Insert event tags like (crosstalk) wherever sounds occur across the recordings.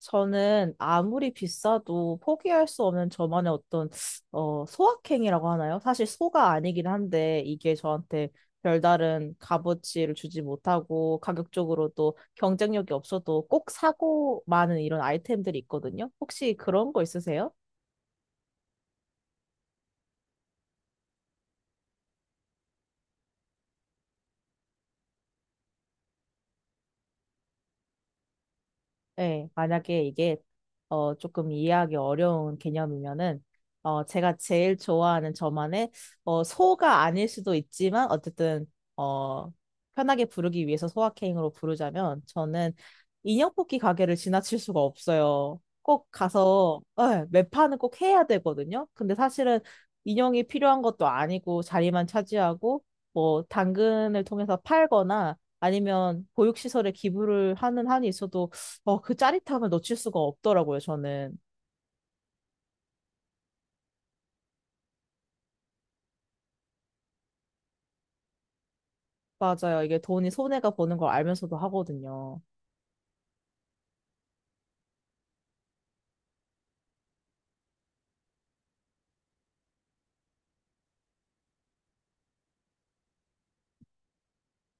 저는 아무리 비싸도 포기할 수 없는 저만의 어떤 소확행이라고 하나요? 사실 소가 아니긴 한데 이게 저한테 별다른 값어치를 주지 못하고 가격적으로도 경쟁력이 없어도 꼭 사고 많은 이런 아이템들이 있거든요. 혹시 그런 거 있으세요? 네, 만약에 이게 조금 이해하기 어려운 개념이면은 제가 제일 좋아하는 저만의 소가 아닐 수도 있지만 어쨌든 어, 편하게 부르기 위해서 소확행으로 부르자면 저는 인형 뽑기 가게를 지나칠 수가 없어요. 꼭 가서 네, 매 판은 꼭 해야 되거든요. 근데 사실은 인형이 필요한 것도 아니고 자리만 차지하고 뭐 당근을 통해서 팔거나 아니면 보육시설에 기부를 하는 한이 있어도 그 짜릿함을 놓칠 수가 없더라고요, 저는. 맞아요. 이게 돈이 손해가 보는 걸 알면서도 하거든요.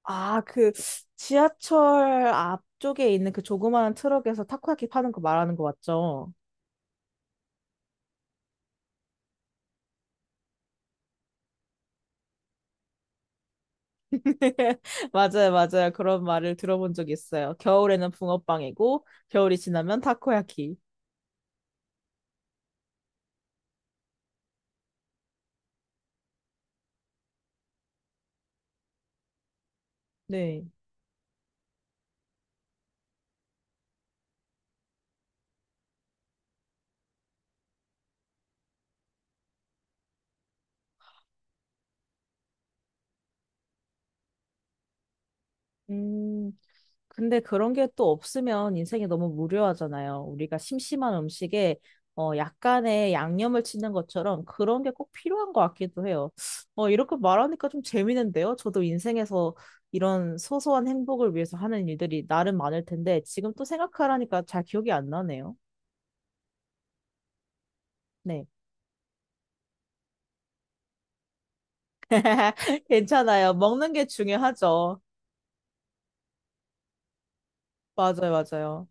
아, 그 지하철 앞쪽에 있는 그 조그마한 트럭에서 타코야키 파는 거 말하는 거 맞죠? (laughs) 맞아요, 맞아요. 그런 말을 들어본 적이 있어요. 겨울에는 붕어빵이고, 겨울이 지나면 타코야키. 네. 음, 근데 그런 게 또 없으면 인생이 너무 무료하잖아요. 우리가 심심한 음식에 약간의 양념을 치는 것처럼 그런 게 꼭 필요한 것 같기도 해요. 이렇게 말하니까 좀 재밌는데요. 저도 인생에서 이런 소소한 행복을 위해서 하는 일들이 나름 많을 텐데 지금 또 생각하라니까 잘 기억이 안 나네요. 네. (laughs) 괜찮아요. 먹는 게 중요하죠. 맞아요, 맞아요.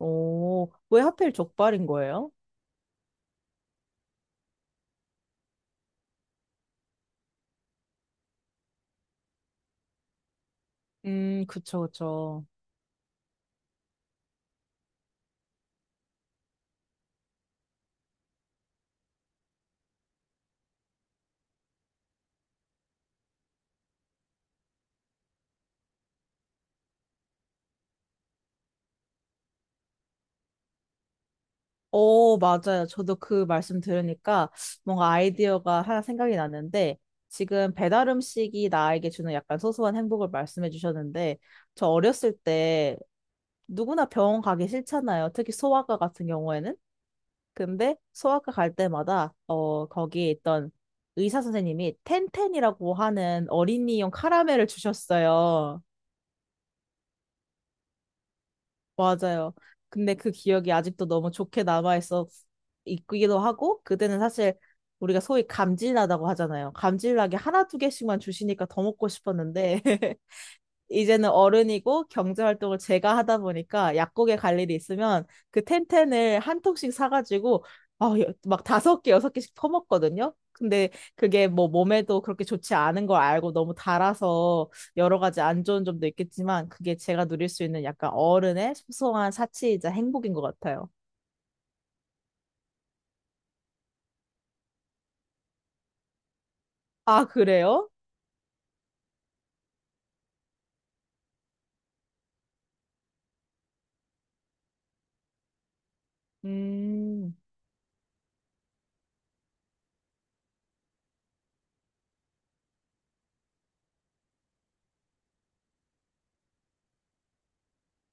오, 왜 하필 족발인 거예요? 그쵸, 그쵸. 오, 맞아요. 저도 그 말씀 들으니까 뭔가 아이디어가 하나 생각이 났는데 지금 배달 음식이 나에게 주는 약간 소소한 행복을 말씀해 주셨는데 저 어렸을 때 누구나 병원 가기 싫잖아요. 특히 소아과 같은 경우에는. 근데 소아과 갈 때마다 거기에 있던 의사 선생님이 텐텐이라고 하는 어린이용 카라멜을 주셨어요. 맞아요. 근데 그 기억이 아직도 너무 좋게 남아있어 있기도 하고, 그때는 사실 우리가 소위 감질나다고 하잖아요. 감질나게 하나, 2개씩만 주시니까 더 먹고 싶었는데, (laughs) 이제는 어른이고 경제 활동을 제가 하다 보니까 약국에 갈 일이 있으면 그 텐텐을 1통씩 사가지고 아, 막 5개, 6개씩 퍼먹거든요. 근데 그게 뭐 몸에도 그렇게 좋지 않은 걸 알고 너무 달아서 여러 가지 안 좋은 점도 있겠지만 그게 제가 누릴 수 있는 약간 어른의 소소한 사치이자 행복인 것 같아요. 아, 그래요? 음.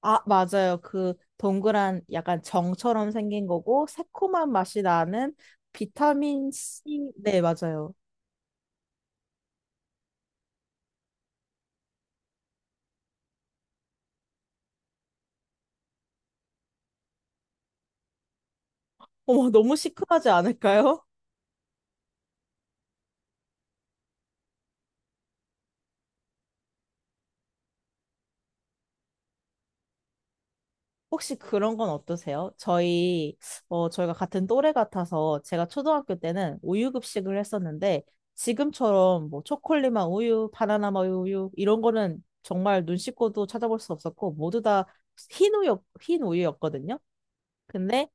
아, 맞아요. 그 동그란 약간 정처럼 생긴 거고 새콤한 맛이 나는 비타민 C. 네, 맞아요. 어머, 너무 시큼하지 않을까요? 혹시 그런 건 어떠세요? 저희가 같은 또래 같아서 제가 초등학교 때는 우유 급식을 했었는데 지금처럼 뭐 초콜릿맛 우유, 바나나 맛 우유 이런 거는 정말 눈 씻고도 찾아볼 수 없었고 모두 다 흰 우유 흰 우유였거든요. 근데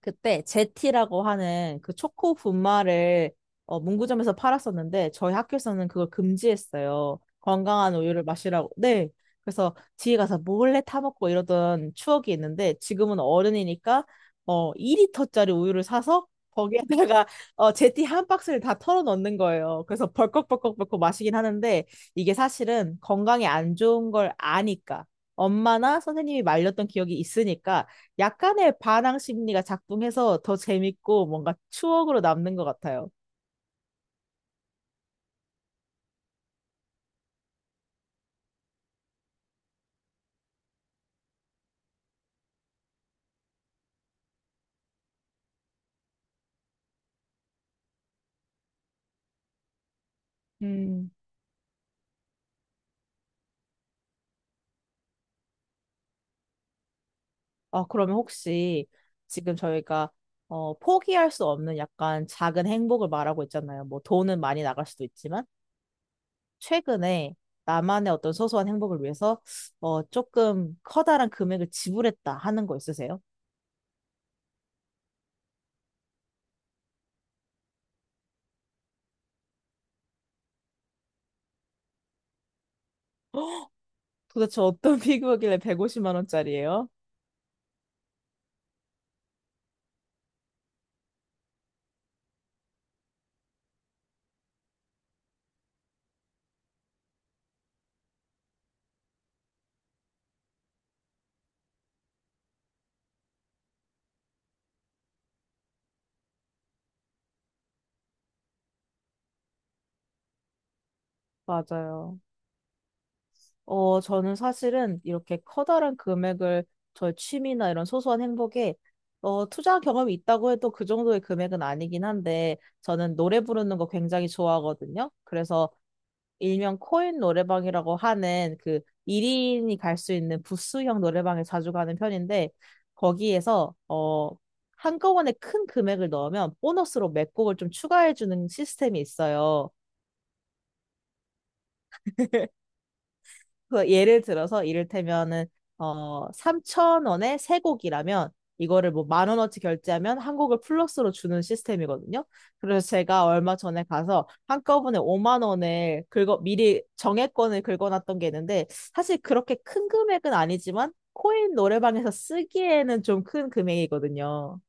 그때 제티라고 하는 그 초코 분말을 문구점에서 팔았었는데 저희 학교에서는 그걸 금지했어요. 건강한 우유를 마시라고. 네. 그래서 뒤에 가서 몰래 타먹고 이러던 추억이 있는데 지금은 어른이니까 2리터짜리 우유를 사서 거기에다가 제티 한 박스를 다 털어 넣는 거예요. 그래서 벌컥벌컥벌컥 마시긴 하는데 이게 사실은 건강에 안 좋은 걸 아니까 엄마나 선생님이 말렸던 기억이 있으니까 약간의 반항 심리가 작동해서 더 재밌고 뭔가 추억으로 남는 것 같아요. 음. 아, 그러면 혹시 지금 저희가 포기할 수 없는 약간 작은 행복을 말하고 있잖아요. 뭐 돈은 많이 나갈 수도 있지만 최근에 나만의 어떤 소소한 행복을 위해서 조금 커다란 금액을 지불했다 하는 거 있으세요? 도대체 어떤 (laughs) 피규어길래 150만 원짜리예요? 맞아요. 저는 사실은 이렇게 커다란 금액을 저의 취미나 이런 소소한 행복에 투자한 경험이 있다고 해도 그 정도의 금액은 아니긴 한데 저는 노래 부르는 거 굉장히 좋아하거든요. 그래서 일명 코인 노래방이라고 하는 그 1인이 갈 수 있는 부스형 노래방에 자주 가는 편인데 거기에서 한꺼번에 큰 금액을 넣으면 보너스로 몇 곡을 좀 추가해 주는 시스템이 있어요. 그 예를 들어서 이를테면은 3천 원에 3곡이라면 이거를 뭐 1만 원어치 결제하면 1곡을 플러스로 주는 시스템이거든요. 그래서 제가 얼마 전에 가서 한꺼번에 5만 원을 긁어 미리 정액권을 긁어놨던 게 있는데 사실 그렇게 큰 금액은 아니지만 코인 노래방에서 쓰기에는 좀 큰 금액이거든요.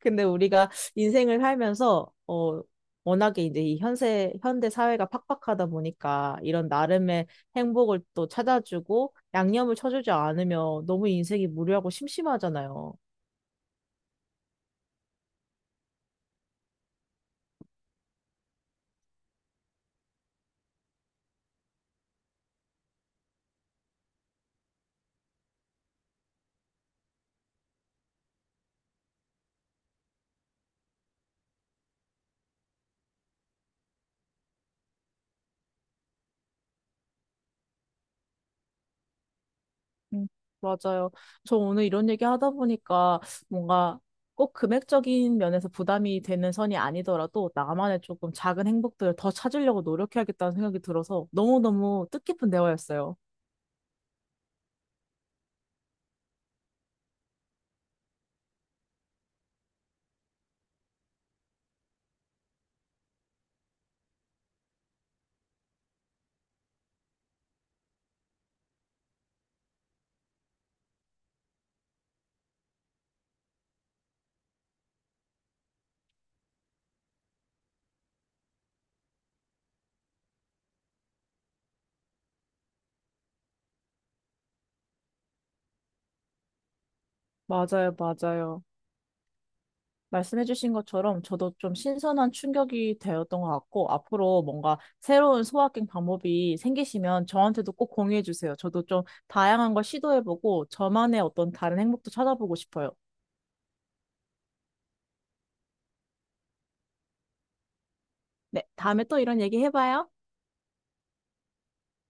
근데 우리가 인생을 살면서 워낙에 이제 이 현세 현대 사회가 팍팍하다 보니까 이런 나름의 행복을 또 찾아주고 양념을 쳐주지 않으면 너무 인생이 무료하고 심심하잖아요. 음, 맞아요. 저 오늘 이런 얘기 하다 보니까 뭔가 꼭 금액적인 면에서 부담이 되는 선이 아니더라도 나만의 조금 작은 행복들을 더 찾으려고 노력해야겠다는 생각이 들어서 너무너무 뜻깊은 대화였어요. 맞아요, 맞아요. 말씀해주신 것처럼 저도 좀 신선한 충격이 되었던 것 같고, 앞으로 뭔가 새로운 소확행 방법이 생기시면 저한테도 꼭 공유해주세요. 저도 좀 다양한 걸 시도해보고, 저만의 어떤 다른 행복도 찾아보고 싶어요. 네, 다음에 또 이런 얘기 해봐요.